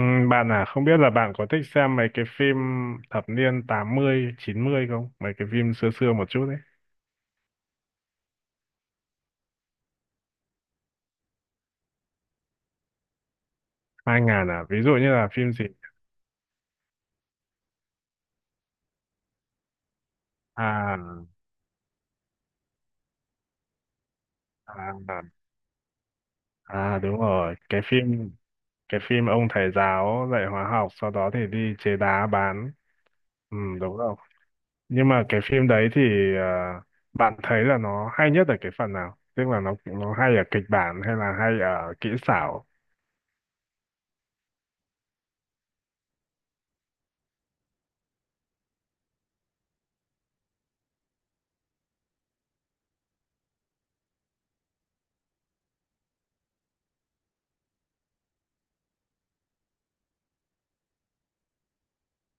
Ừ, Bạn à, không biết là bạn có thích xem mấy cái phim thập niên tám mươi chín mươi không? Mấy cái phim xưa xưa một chút đấy. Hai ngàn à, ví dụ như là phim gì? À, à, à, đúng rồi, cái phim, cái phim ông thầy giáo dạy hóa học sau đó thì đi chế đá bán. Ừ, đúng rồi. Nhưng mà cái phim đấy thì, à, bạn thấy là nó hay nhất ở cái phần nào? Tức là nó hay ở kịch bản hay là hay ở kỹ xảo?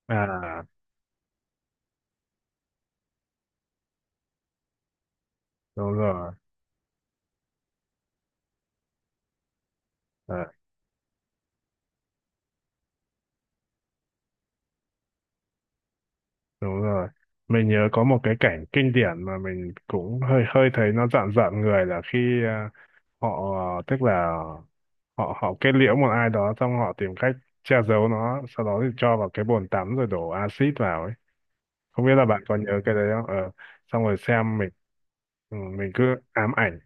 À, đúng rồi. Đúng rồi. Mình nhớ có một cái cảnh kinh điển mà mình cũng hơi hơi thấy nó rợn rợn người là khi họ, tức là họ họ kết liễu một ai đó xong họ tìm cách che giấu nó, sau đó thì cho vào cái bồn tắm rồi đổ axit vào ấy. Không biết là bạn có nhớ cái đấy không? Ờ, Xong rồi xem mình, ừ, mình cứ ám ảnh,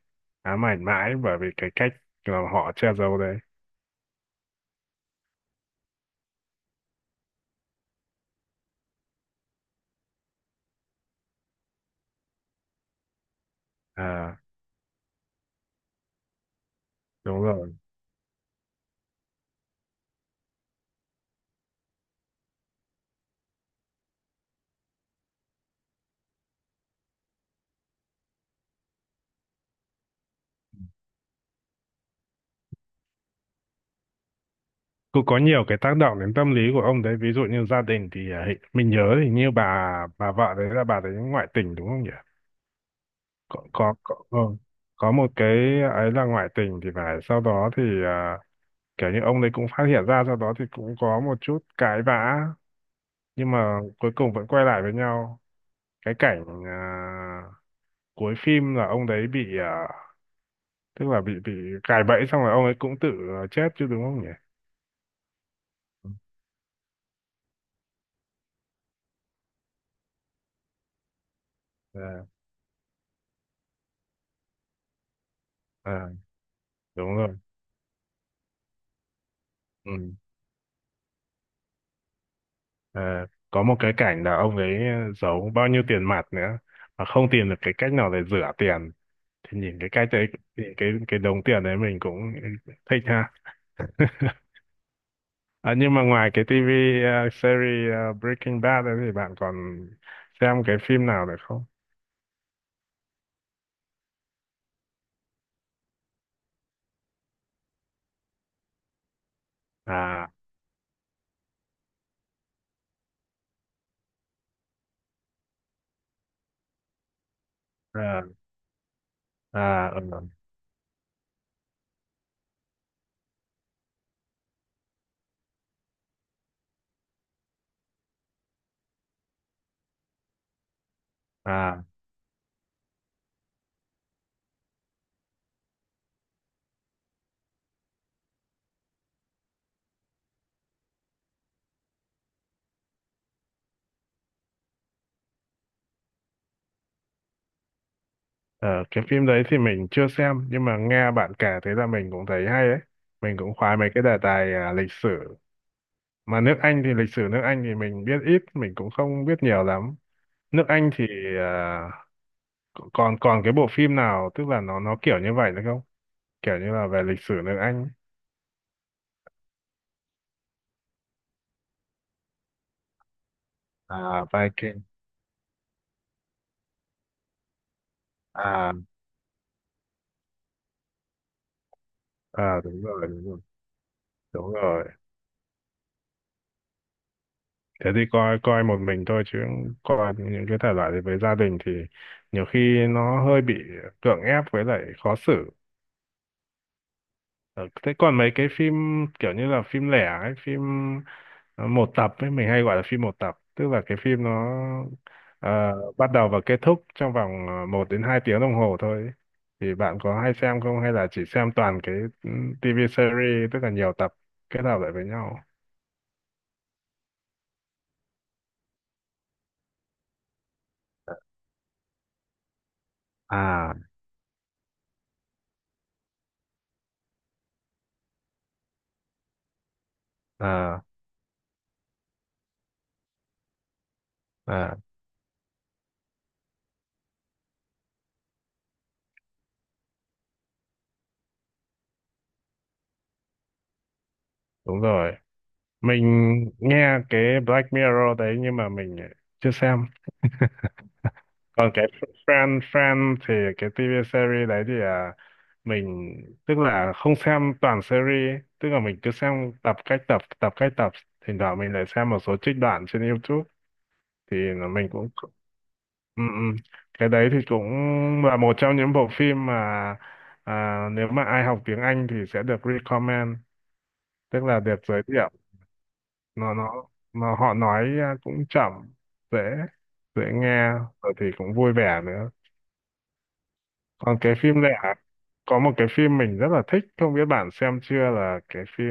ám ảnh mãi bởi vì cái cách mà họ che giấu đấy. À đúng rồi. Cũng có nhiều cái tác động đến tâm lý của ông đấy, ví dụ như gia đình thì mình nhớ thì như bà vợ đấy, là bà đấy ngoại tình đúng không nhỉ? Có có, ừ. Có một cái ấy là ngoại tình thì phải, sau đó thì, kiểu như ông đấy cũng phát hiện ra, sau đó thì cũng có một chút cãi vã nhưng mà cuối cùng vẫn quay lại với nhau. Cái cảnh, cuối phim là ông đấy bị, tức là bị gài bẫy xong rồi ông ấy cũng tự, chết chứ đúng không nhỉ? Ừ. À, à, đúng rồi. Ừ. Ờ, có một cái cảnh là ông ấy, giấu bao nhiêu tiền mặt nữa mà không tìm được cái cách nào để rửa tiền, thì nhìn cái cách đấy thì cái đống tiền đấy mình cũng thích ha. Nhưng mà ngoài cái TV, series, Breaking Bad đấy thì bạn còn xem cái phim nào được không? à ờ, à ờ, à ờ, cái phim đấy thì mình chưa xem nhưng mà nghe bạn kể thế là mình cũng thấy hay ấy. Mình cũng khoái mấy cái đề tài, lịch sử, mà nước Anh thì lịch sử nước Anh thì mình biết ít, mình cũng không biết nhiều lắm. Nước Anh thì, à, còn còn cái bộ phim nào tức là nó kiểu như vậy nữa không, kiểu như là về lịch sử nước Anh, à, Viking. À à đúng rồi, đúng rồi, đúng rồi. Thế thì coi coi một mình thôi chứ, coi những cái thể loại đấy với gia đình thì nhiều khi nó hơi bị cưỡng ép với lại khó xử. Ờ, thế còn mấy cái phim kiểu như là phim lẻ ấy, phim, một tập ấy, mình hay gọi là phim một tập, tức là cái phim nó, ờ, bắt đầu và kết thúc trong vòng, một đến hai tiếng đồng hồ thôi ấy. Thì bạn có hay xem không hay là chỉ xem toàn cái, ừ, TV series tức là nhiều tập kết hợp lại với nhau? À, à, à, đúng rồi. Mình nghe cái Black Mirror đấy nhưng mà mình chưa xem. Còn cái Friend Friend thì cái TV series đấy thì, mình tức là không xem toàn series, tức là mình cứ xem tập cách tập thỉnh thoảng mình lại xem một số trích đoạn trên YouTube thì là mình cũng, ừ, ừ. Cái đấy thì cũng là một trong những bộ phim mà, nếu mà ai học tiếng Anh thì sẽ được recommend, tức là được giới thiệu. Nó nó nó họ nói, cũng chậm, dễ dễ nghe, rồi thì cũng vui vẻ nữa. Còn cái phim này, có một cái phim mình rất là thích, không biết bạn xem chưa, là cái phim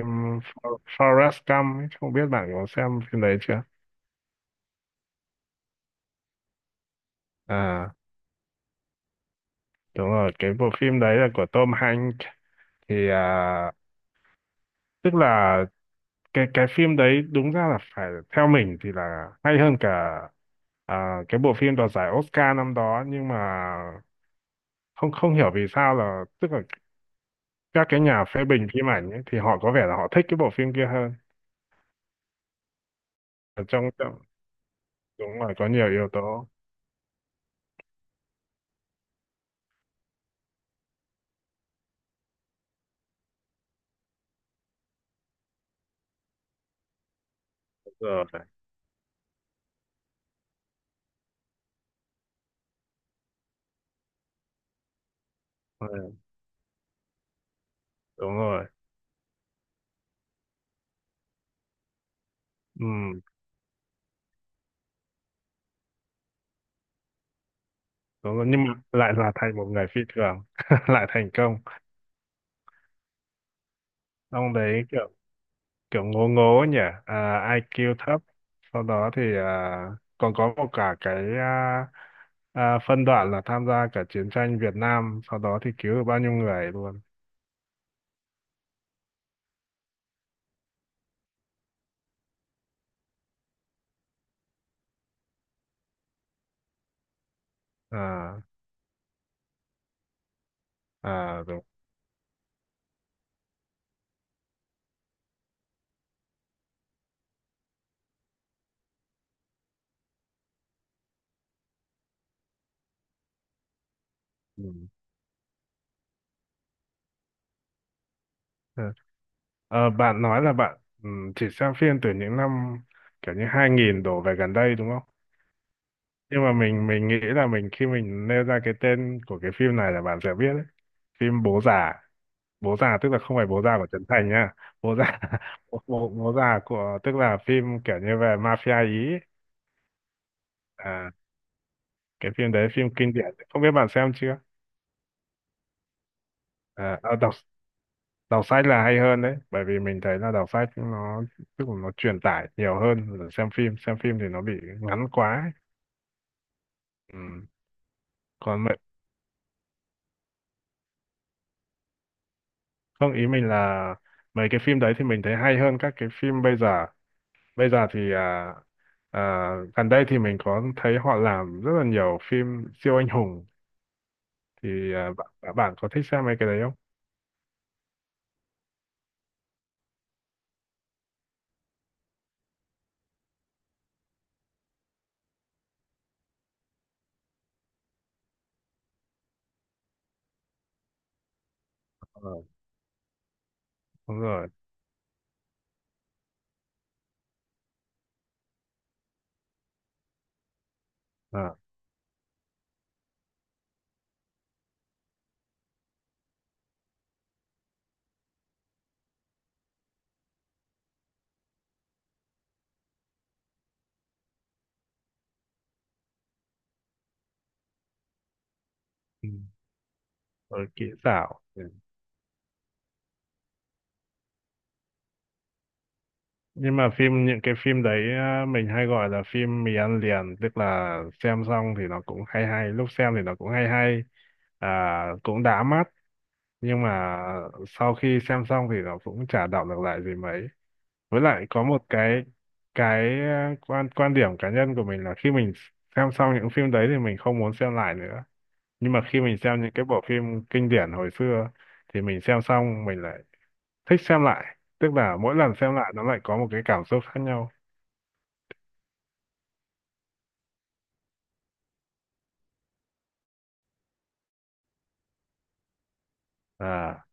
Forrest Gump ấy, không biết bạn có xem phim đấy chưa? À, đúng rồi, cái bộ phim đấy là của Tom Hanks, thì, tức là cái phim đấy đúng ra là phải, theo mình thì là hay hơn cả, cái bộ phim đoạt giải Oscar năm đó, nhưng mà không không hiểu vì sao, là tức là các cái nhà phê bình phim ảnh ấy, thì họ có vẻ là họ thích cái bộ phim kia hơn. Ở trong trong- Đúng rồi, có nhiều yếu tố. Rồi ừ, đúng rồi. Ừ, đúng rồi, nhưng mà lại là thành một người phi thường lại thành công. Ông đấy kiểu kiểu ngố ngố nhỉ, à, IQ thấp, sau đó thì, còn có một cả cái, phân đoạn là tham gia cả chiến tranh Việt Nam, sau đó thì cứu được bao nhiêu người luôn. À à đúng. Ừ. Ừ. Ờ, bạn nói là bạn, ừ, chỉ xem phim từ những năm kiểu như 2000 đổ về gần đây đúng không? Nhưng mà mình nghĩ là mình khi mình nêu ra cái tên của cái phim này là bạn sẽ biết đấy. Phim bố già. Bố già tức là không phải bố già của Trấn Thành nhá. Bố già bố già của, tức là phim kiểu như về mafia ý ấy. À, cái phim đấy, phim kinh điển, không biết bạn xem chưa? À, à, đọc, đọc sách là hay hơn đấy bởi vì mình thấy là đọc sách nó, tức là nó truyền tải nhiều hơn là xem phim, xem phim thì nó bị ngắn quá ấy. Ừ. còn mấy- Không, ý mình là mấy cái phim đấy thì mình thấy hay hơn các cái phim bây giờ. Bây giờ thì, à, gần đây thì mình có thấy họ làm rất là nhiều phim siêu anh hùng, thì bạn, bạn có thích xem mấy cái đấy không? Ờ, đúng rồi. À, ừ. Rồi kỹ xảo. Ừ. Nhưng mà phim những cái phim đấy mình hay gọi là phim mì ăn liền, tức là xem xong thì nó cũng hay hay, lúc xem thì nó cũng hay hay, à, cũng đã mắt, nhưng mà sau khi xem xong thì nó cũng chả đọng được lại gì mấy. Với lại có một cái quan quan điểm cá nhân của mình là khi mình xem xong những phim đấy thì mình không muốn xem lại nữa, nhưng mà khi mình xem những cái bộ phim kinh điển hồi xưa thì mình xem xong mình lại thích xem lại, tức là mỗi lần xem lại nó lại có một cái cảm xúc khác nhau. à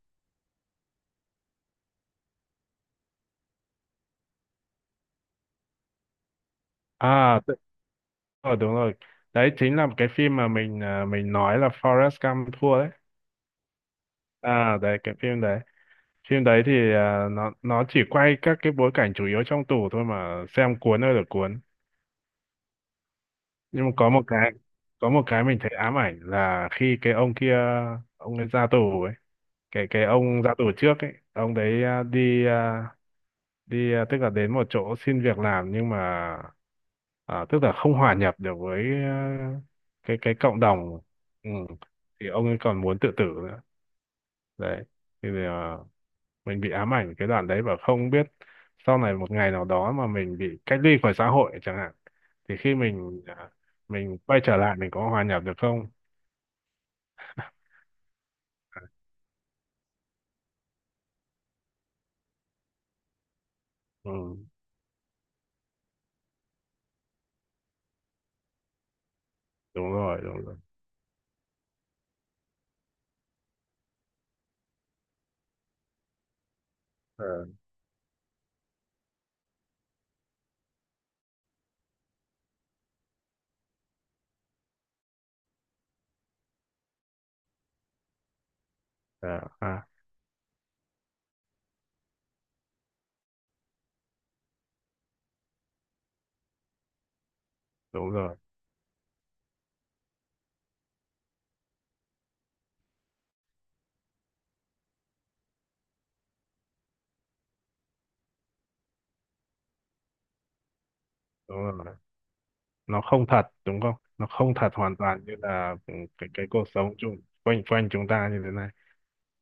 à tự- ờ, đúng rồi, đấy chính là cái phim mà mình, ờ, mình nói là Forrest Gump thua đấy. À đấy cái phim đấy, phim đấy thì, nó chỉ quay các cái bối cảnh chủ yếu trong tù thôi mà xem cuốn ơi là cuốn. Nhưng mà có một cái, có một cái mình thấy ám ảnh là khi cái ông kia, ông ấy ra tù ấy, cái ông ra tù trước ấy, ông đấy, tức là đến một chỗ xin việc làm nhưng mà, tức là không hòa nhập được với, cái cộng đồng. Ừ. Thì ông ấy còn muốn tự tử nữa đấy, thì, mình bị ám ảnh cái đoạn đấy và không biết sau này một ngày nào đó mà mình bị cách ly khỏi xã hội chẳng hạn thì khi mình, mình quay trở lại mình có hòa nhập được không. Ừ, đúng rồi đúng rồi. Ờ. À, à, đúng rồi đúng rồi, nó không thật đúng không, nó không thật hoàn toàn như là, ừ, cái cuộc sống chung quanh quanh chúng ta như thế này.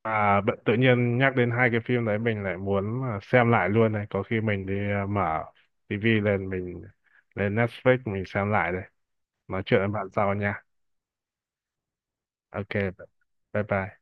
Tự nhiên nhắc đến hai cái phim đấy mình lại muốn, xem lại luôn này, có khi mình đi, mở tivi lên mình lên Netflix mình xem lại đây. Nói chuyện với bạn sau nha. OK, bye bye.